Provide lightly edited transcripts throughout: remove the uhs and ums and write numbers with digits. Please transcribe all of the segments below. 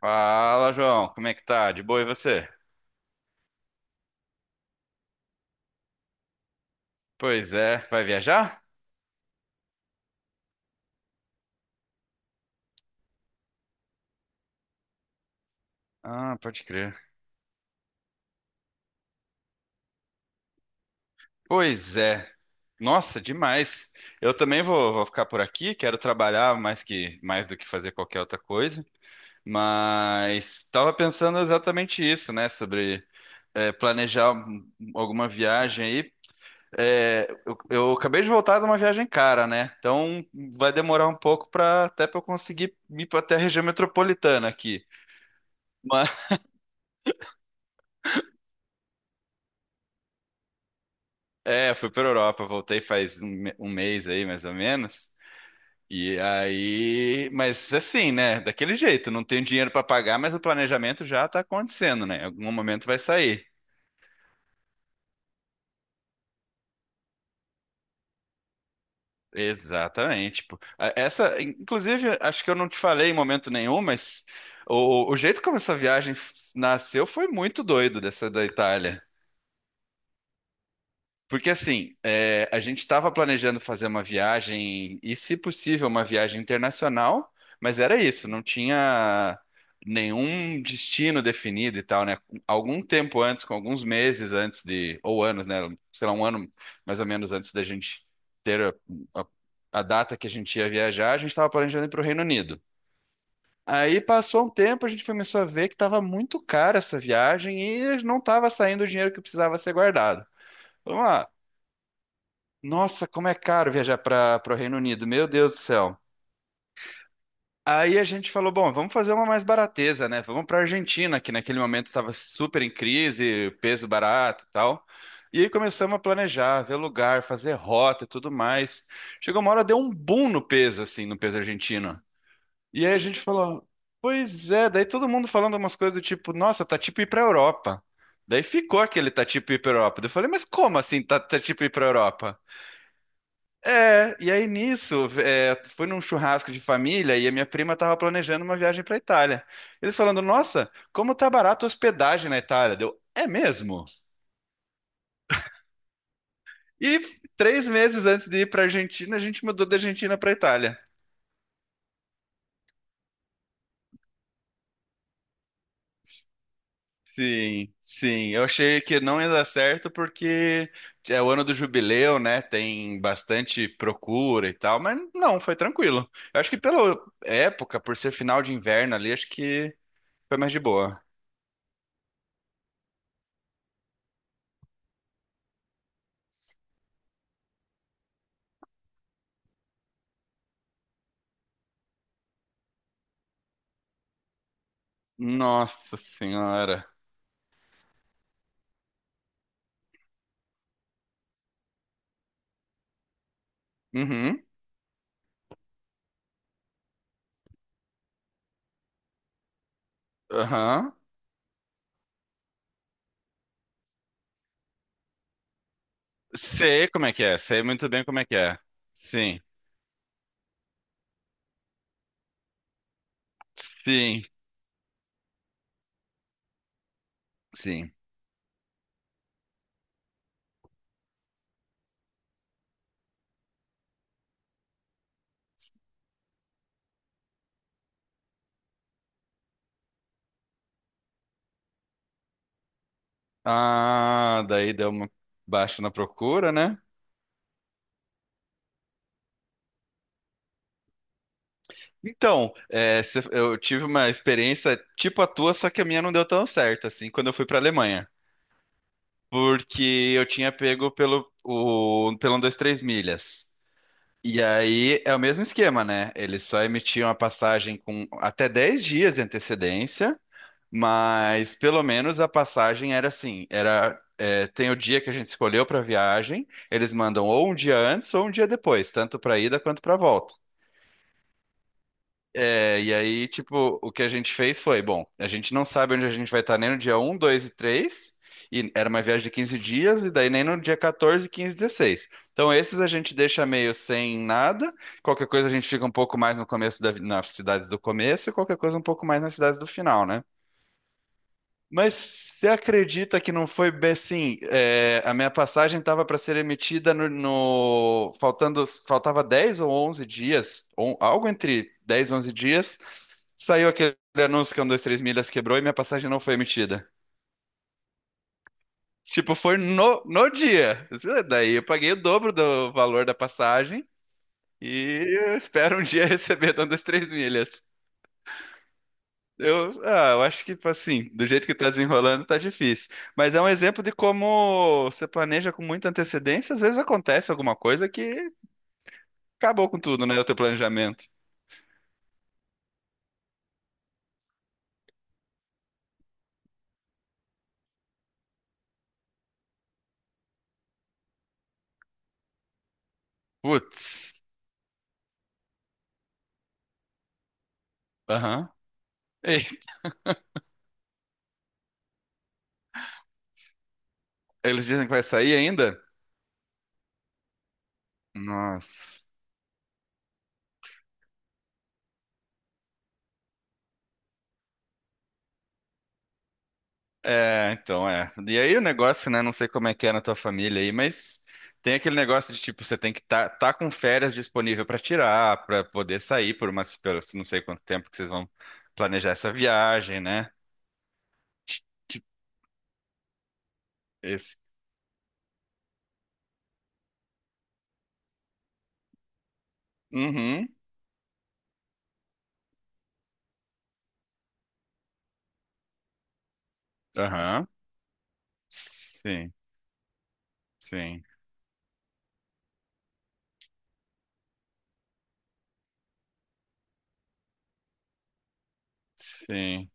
Fala, João. Como é que tá? De boa e você? Pois é. Vai viajar? Ah, pode crer. Pois é. Nossa, demais. Eu também vou, vou ficar por aqui. Quero trabalhar mais do que fazer qualquer outra coisa. Mas tava pensando exatamente isso, né? Sobre planejar alguma viagem aí. É, eu acabei de voltar de uma viagem cara, né? Então vai demorar um pouco para até para eu conseguir ir para até a região metropolitana aqui. É, fui pra Europa, voltei faz um mês aí, mais ou menos. E aí, mas assim, né? Daquele jeito, não tenho dinheiro pra pagar, mas o planejamento já tá acontecendo, né? Em algum momento vai sair. Exatamente. Tipo, essa, inclusive, acho que eu não te falei em momento nenhum, mas o jeito como essa viagem nasceu foi muito doido dessa da Itália. Porque assim, é, a gente estava planejando fazer uma viagem, e se possível, uma viagem internacional, mas era isso, não tinha nenhum destino definido e tal, né? Algum tempo antes, com alguns meses antes de, ou anos, né? Sei lá, um ano mais ou menos antes da gente ter a, a- a data que a gente ia viajar, a gente estava planejando ir para o Reino Unido. Aí passou um tempo, a gente começou a ver que estava muito cara essa viagem e não estava saindo o dinheiro que precisava ser guardado. Vamos lá. Nossa, como é caro viajar para o Reino Unido, meu Deus do céu. Aí a gente falou, bom, vamos fazer uma mais barateza, né? Vamos para Argentina, que naquele momento estava super em crise, peso barato, e tal. E aí começamos a planejar, ver lugar, fazer rota e tudo mais. Chegou uma hora deu um boom no peso assim, no peso argentino. E aí a gente falou, pois é, daí todo mundo falando umas coisas do tipo, nossa, tá tipo ir para Europa. Daí ficou aquele tá tipo ir para Europa. Daí eu falei, mas como assim tá, tá tipo ir para Europa? É, e aí nisso, é, foi num churrasco de família e a minha prima estava planejando uma viagem para Itália. Eles falando, nossa, como tá barato a hospedagem na Itália. Deu, é mesmo? E 3 meses antes de ir para Argentina, a gente mudou da Argentina para Itália. Sim, sim. Eu achei que não ia dar certo porque é o ano do jubileu, né? Tem bastante procura e tal, mas não, foi tranquilo. Eu acho que pela época, por ser final de inverno ali, acho que foi mais de boa. Nossa senhora. Uhum. Aham. Sei como é que é. Sei muito bem como é que é. Sim. Sim. Sim. Ah, daí deu uma baixa na procura, né? Então, é, se- eu tive uma experiência tipo a tua, só que a minha não deu tão certo, assim, quando eu fui pra Alemanha. Porque eu tinha pego pelo, o, pelo um, dois, três milhas. E aí é o mesmo esquema, né? Eles só emitiam a passagem com até 10 dias de antecedência. Mas pelo menos a passagem era assim, era é, tem o dia que a gente escolheu para viagem, eles mandam ou um dia antes ou um dia depois, tanto para ida quanto para volta. É, e aí, tipo, o que a gente fez foi, bom, a gente não sabe onde a gente vai estar nem no dia um 2 e 3 e era uma viagem de 15 dias, e daí nem no dia 14, 15 e 16. Então esses a gente deixa meio sem nada, qualquer coisa a gente fica um pouco mais no começo da, nas cidades do começo e qualquer coisa um pouco mais nas cidades do final, né? Mas você acredita que não foi bem assim? É, a minha passagem estava para ser emitida no, no- faltando faltava 10 ou 11 dias, ou algo entre 10, e 11 dias, saiu aquele anúncio que um, dois, três milhas quebrou e minha passagem não foi emitida. Tipo, foi no dia. Daí eu paguei o dobro do valor da passagem e eu espero um dia receber dando as três milhas. Eu, ah, eu acho que, tipo assim, do jeito que tá desenrolando, tá difícil. Mas é um exemplo de como você planeja com muita antecedência, às vezes acontece alguma coisa que acabou com tudo, né? O teu planejamento. Putz. Aham. Ei, eles dizem que vai sair ainda? Nossa. É, então é. E aí o negócio, né? Não sei como é que é na tua família aí, mas tem aquele negócio de tipo, você tem que estar tá com férias disponível para tirar, para poder sair por umas, pelo, não sei quanto tempo que vocês vão planejar essa viagem, né? Tipo, esse. Uhum. Aham. Sim, sim, sim.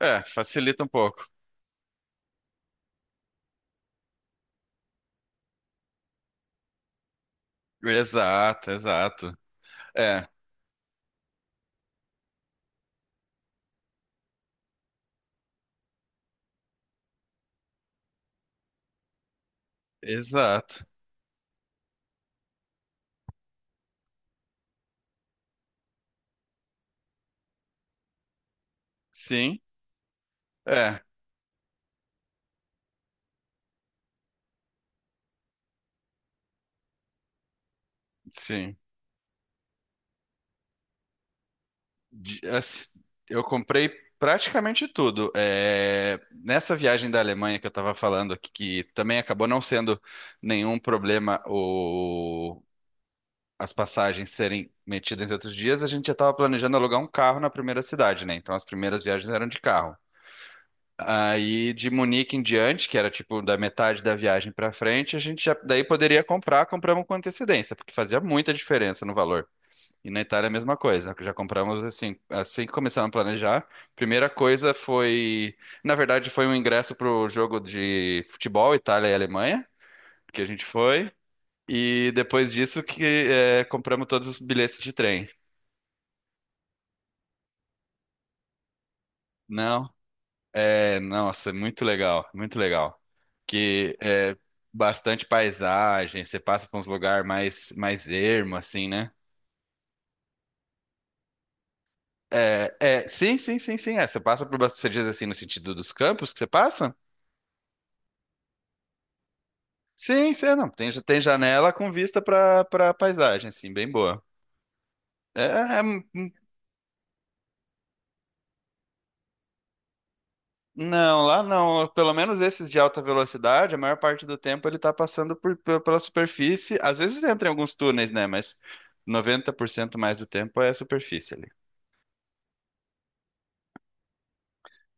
É, facilita um pouco. Exato, exato. É, exato. Sim, é, sim. de- as- eu comprei praticamente tudo. É, nessa viagem da Alemanha que eu estava falando, aqui, que também acabou não sendo nenhum problema as passagens serem metidas em outros dias, a gente já estava planejando alugar um carro na primeira cidade, né? Então as primeiras viagens eram de carro. Aí de Munique em diante, que era tipo da metade da viagem para frente, a gente já daí poderia comprar, compramos com antecedência, porque fazia muita diferença no valor. E na Itália é a mesma coisa. Já compramos assim, assim que começamos a planejar. Primeira coisa foi, na verdade, foi um ingresso para o jogo de futebol Itália e Alemanha, que a gente foi. E depois disso que é, compramos todos os bilhetes de trem. Não, é, nossa, muito legal, muito legal. Que é bastante paisagem, você passa por uns lugares mais ermo assim, né? É, é, sim, sim, sim, sim. É, você passa por, bast- você diz assim no sentido dos campos que você passa? Sim, sim, não. Tem janela com vista para paisagem, assim, bem boa. É, é, hum, hum, não, lá não. Pelo menos esses de alta velocidade, a maior parte do tempo ele tá passando por, pela superfície. Às vezes entra em alguns túneis, né? Mas 90% mais do tempo é a superfície ali.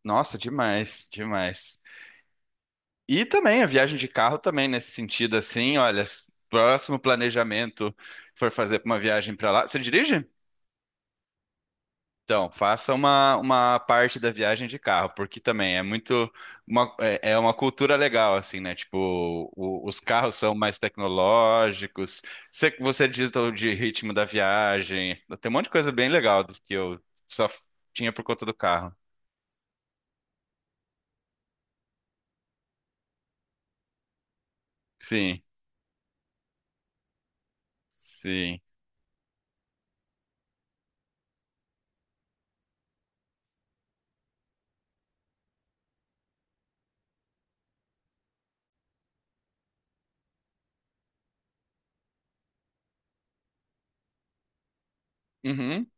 Nossa, demais, demais. E também a viagem de carro também nesse sentido, assim, olha, s- próximo planejamento for fazer uma viagem para lá. Você dirige? Então, faça uma parte da viagem de carro, porque também é muito uma, é uma cultura legal, assim, né? Tipo, os carros são mais tecnológicos, você diz do, de ritmo da viagem, tem um monte de coisa bem legal do que eu só tinha por conta do carro. Sim, sim. Uhum,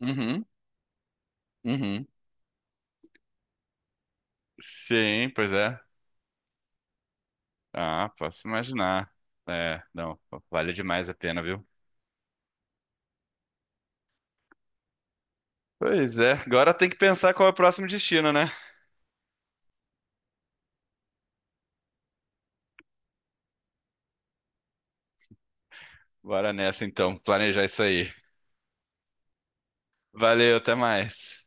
uhum, uhum. Sim, pois é. Ah, posso imaginar. É, não, vale demais a pena, viu? Pois é, agora tem que pensar qual é o próximo destino, né? Bora nessa então, planejar isso aí. Valeu, até mais.